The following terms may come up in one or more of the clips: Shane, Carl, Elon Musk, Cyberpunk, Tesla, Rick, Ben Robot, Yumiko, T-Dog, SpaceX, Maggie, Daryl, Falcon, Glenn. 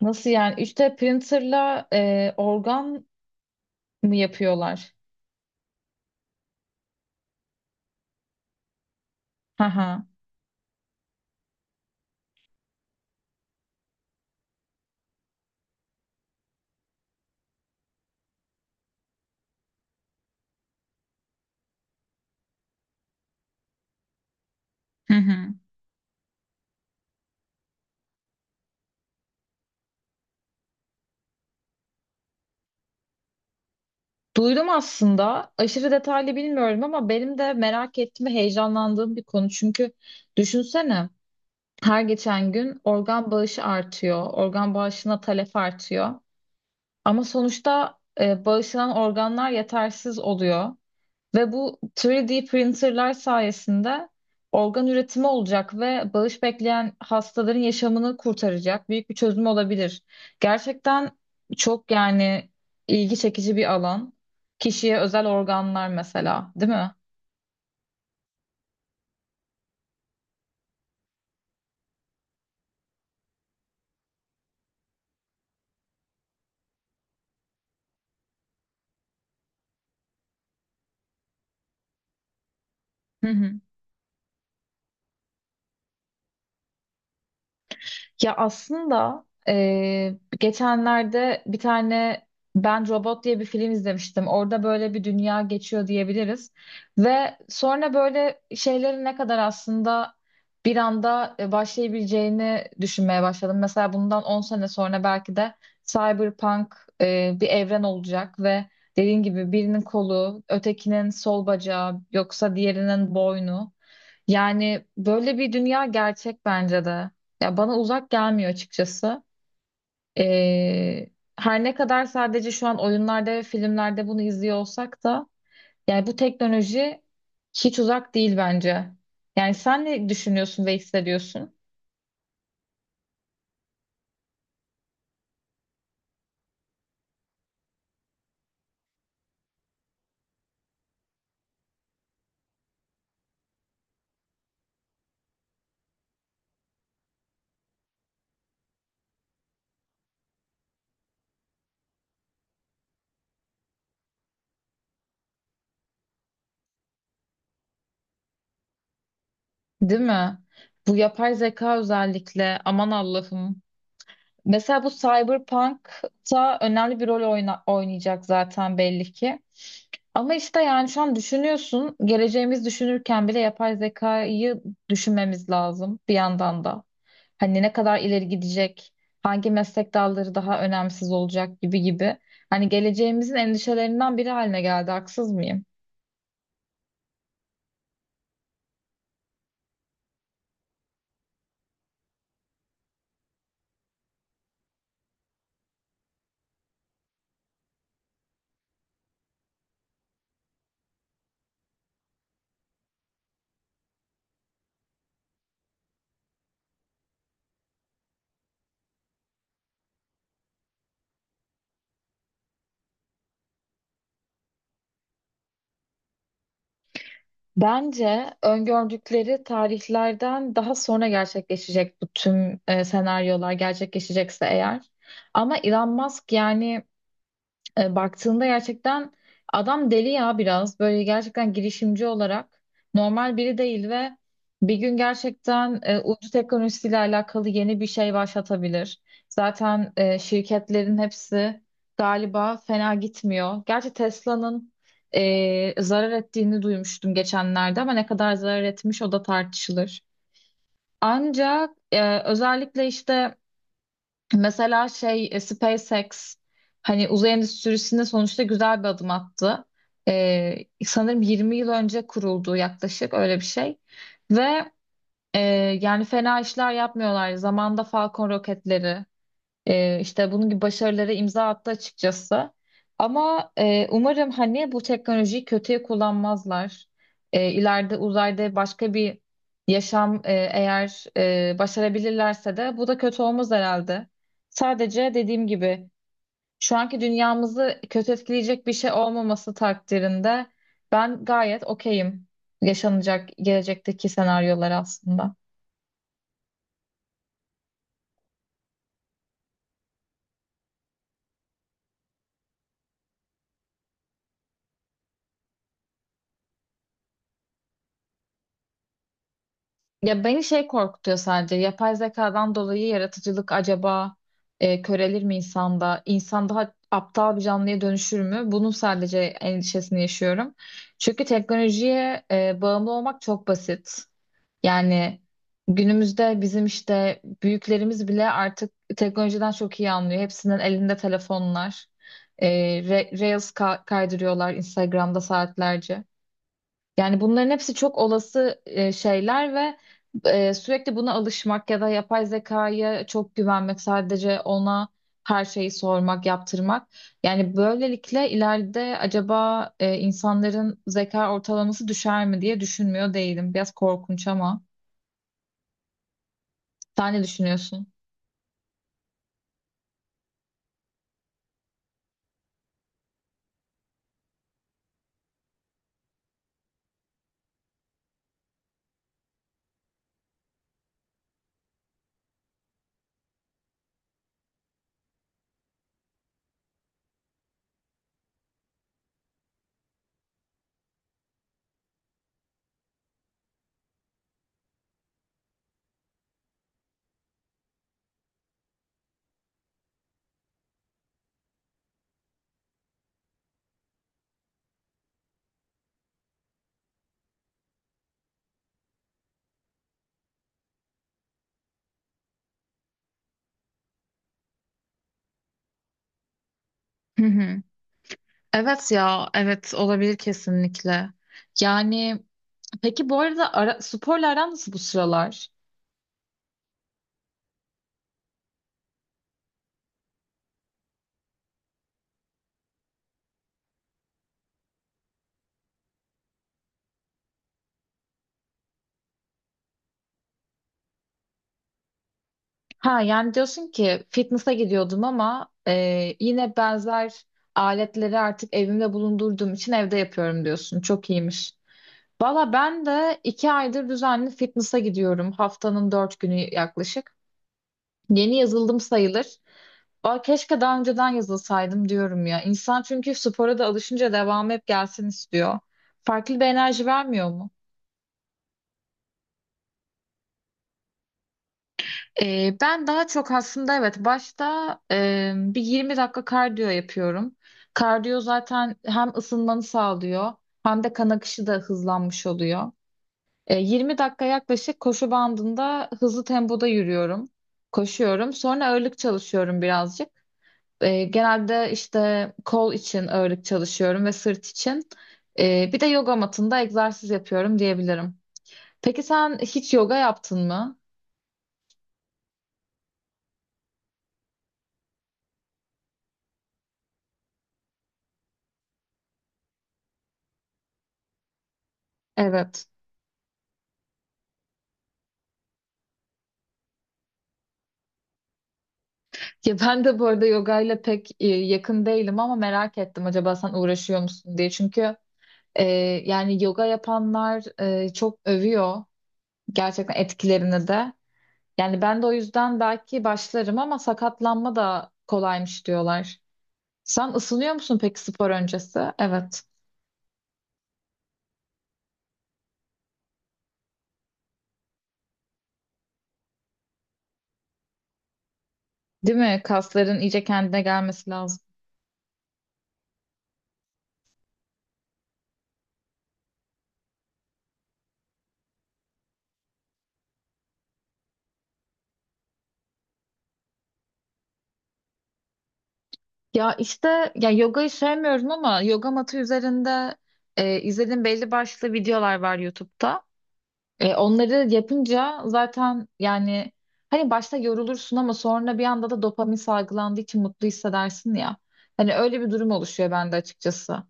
Nasıl yani? 3D printerla organ mı yapıyorlar? Hı hı. Hı hı. Duydum aslında. Aşırı detaylı bilmiyorum ama benim de merak ettiğim ve heyecanlandığım bir konu. Çünkü düşünsene her geçen gün organ bağışı artıyor. Organ bağışına talep artıyor. Ama sonuçta bağışlanan organlar yetersiz oluyor. Ve bu 3D printerlar sayesinde organ üretimi olacak ve bağış bekleyen hastaların yaşamını kurtaracak büyük bir çözüm olabilir. Gerçekten çok yani ilgi çekici bir alan. Kişiye özel organlar mesela, değil mi? Ya aslında geçenlerde bir tane Ben Robot diye bir film izlemiştim. Orada böyle bir dünya geçiyor diyebiliriz. Ve sonra böyle şeylerin ne kadar aslında bir anda başlayabileceğini düşünmeye başladım. Mesela bundan 10 sene sonra belki de cyberpunk, bir evren olacak ve dediğin gibi birinin kolu, ötekinin sol bacağı, yoksa diğerinin boynu. Yani böyle bir dünya gerçek bence de. Ya bana uzak gelmiyor açıkçası. Ee, Her ne kadar sadece şu an oyunlarda ve filmlerde bunu izliyor olsak da yani bu teknoloji hiç uzak değil bence. Yani sen ne düşünüyorsun ve hissediyorsun, değil mi? Bu yapay zeka özellikle aman Allah'ım. Mesela bu Cyberpunk'ta önemli bir rol oynayacak zaten belli ki. Ama işte yani şu an düşünüyorsun, geleceğimiz düşünürken bile yapay zekayı düşünmemiz lazım bir yandan da. Hani ne kadar ileri gidecek, hangi meslek dalları daha önemsiz olacak gibi gibi. Hani geleceğimizin endişelerinden biri haline geldi, haksız mıyım? Bence öngördükleri tarihlerden daha sonra gerçekleşecek bu tüm senaryolar gerçekleşecekse eğer. Ama Elon Musk yani, baktığında gerçekten adam deli ya biraz böyle gerçekten girişimci olarak normal biri değil ve bir gün gerçekten uydu teknolojisiyle alakalı yeni bir şey başlatabilir. Zaten şirketlerin hepsi galiba fena gitmiyor. Gerçi Tesla'nın zarar ettiğini duymuştum geçenlerde ama ne kadar zarar etmiş o da tartışılır. Ancak özellikle işte mesela şey, SpaceX hani uzay endüstrisinde sonuçta güzel bir adım attı. Ee, Sanırım 20 yıl önce kuruldu yaklaşık öyle bir şey. Ve e, yani fena işler yapmıyorlar. Zamanda Falcon roketleri, işte bunun gibi başarılara imza attı açıkçası. Ama, umarım hani bu teknolojiyi kötüye kullanmazlar. İleride uzayda başka bir yaşam, eğer başarabilirlerse de bu da kötü olmaz herhalde. Sadece dediğim gibi şu anki dünyamızı kötü etkileyecek bir şey olmaması takdirinde ben gayet okeyim yaşanacak gelecekteki senaryolar aslında. Ya beni şey korkutuyor sadece. Yapay zekadan dolayı yaratıcılık acaba körelir mi insanda? İnsan daha aptal bir canlıya dönüşür mü? Bunun sadece endişesini yaşıyorum. Çünkü teknolojiye bağımlı olmak çok basit. Yani günümüzde bizim işte büyüklerimiz bile artık teknolojiden çok iyi anlıyor. Hepsinin elinde telefonlar. E, Reels kaydırıyorlar Instagram'da saatlerce. Yani bunların hepsi çok olası şeyler ve sürekli buna alışmak ya da yapay zekaya çok güvenmek, sadece ona her şeyi sormak, yaptırmak. Yani böylelikle ileride acaba insanların zeka ortalaması düşer mi diye düşünmüyor değilim. Biraz korkunç ama sen ne düşünüyorsun? Hı hı. Evet ya, evet olabilir kesinlikle. Yani peki bu arada sporla aran nasıl bu sıralar? Ha yani diyorsun ki fitness'a gidiyordum ama yine benzer aletleri artık evimde bulundurduğum için evde yapıyorum diyorsun. Çok iyiymiş. Valla ben de 2 aydır düzenli fitness'a gidiyorum. Haftanın 4 günü yaklaşık. Yeni yazıldım sayılır. Aa, keşke daha önceden yazılsaydım diyorum ya. İnsan çünkü spora da alışınca devamı hep gelsin istiyor. Farklı bir enerji vermiyor mu? Ben daha çok aslında evet başta bir 20 dakika kardiyo yapıyorum. Kardiyo zaten hem ısınmanı sağlıyor hem de kan akışı da hızlanmış oluyor. 20 dakika yaklaşık koşu bandında hızlı tempoda yürüyorum, koşuyorum. Sonra ağırlık çalışıyorum birazcık. Genelde işte kol için ağırlık çalışıyorum ve sırt için. Bir de yoga matında egzersiz yapıyorum diyebilirim. Peki sen hiç yoga yaptın mı? Evet. Ya ben de bu arada yoga ile pek yakın değilim ama merak ettim acaba sen uğraşıyor musun diye. Çünkü e, yani yoga yapanlar, çok övüyor gerçekten etkilerini de. Yani ben de o yüzden belki başlarım ama sakatlanma da kolaymış diyorlar. Sen ısınıyor musun peki spor öncesi? Evet. Değil mi? Kasların iyice kendine gelmesi lazım. Ya işte ya yogayı sevmiyorum ama yoga matı üzerinde izlediğim belli başlı videolar var YouTube'da. Onları yapınca zaten yani hani başta yorulursun ama sonra bir anda da dopamin salgılandığı için mutlu hissedersin ya. Hani öyle bir durum oluşuyor bende açıkçası.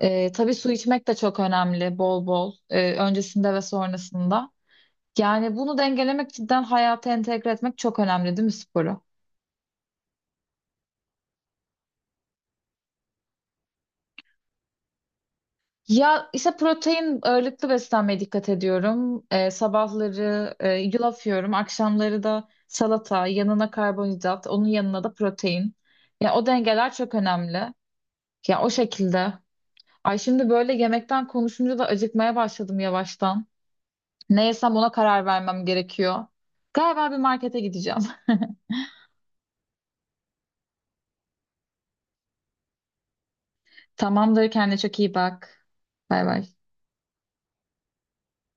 Tabii su içmek de çok önemli bol bol öncesinde ve sonrasında. Yani bunu dengelemek cidden hayata entegre etmek çok önemli değil mi sporu? Ya işte protein ağırlıklı beslenmeye dikkat ediyorum. Sabahları yulaf yiyorum. Akşamları da salata, yanına karbonhidrat, onun yanına da protein. Ya o dengeler çok önemli. Ya o şekilde. Ay şimdi böyle yemekten konuşunca da acıkmaya başladım yavaştan. Ne yesem ona karar vermem gerekiyor. Galiba bir markete gideceğim. Tamamdır, kendine çok iyi bak. Bay bay.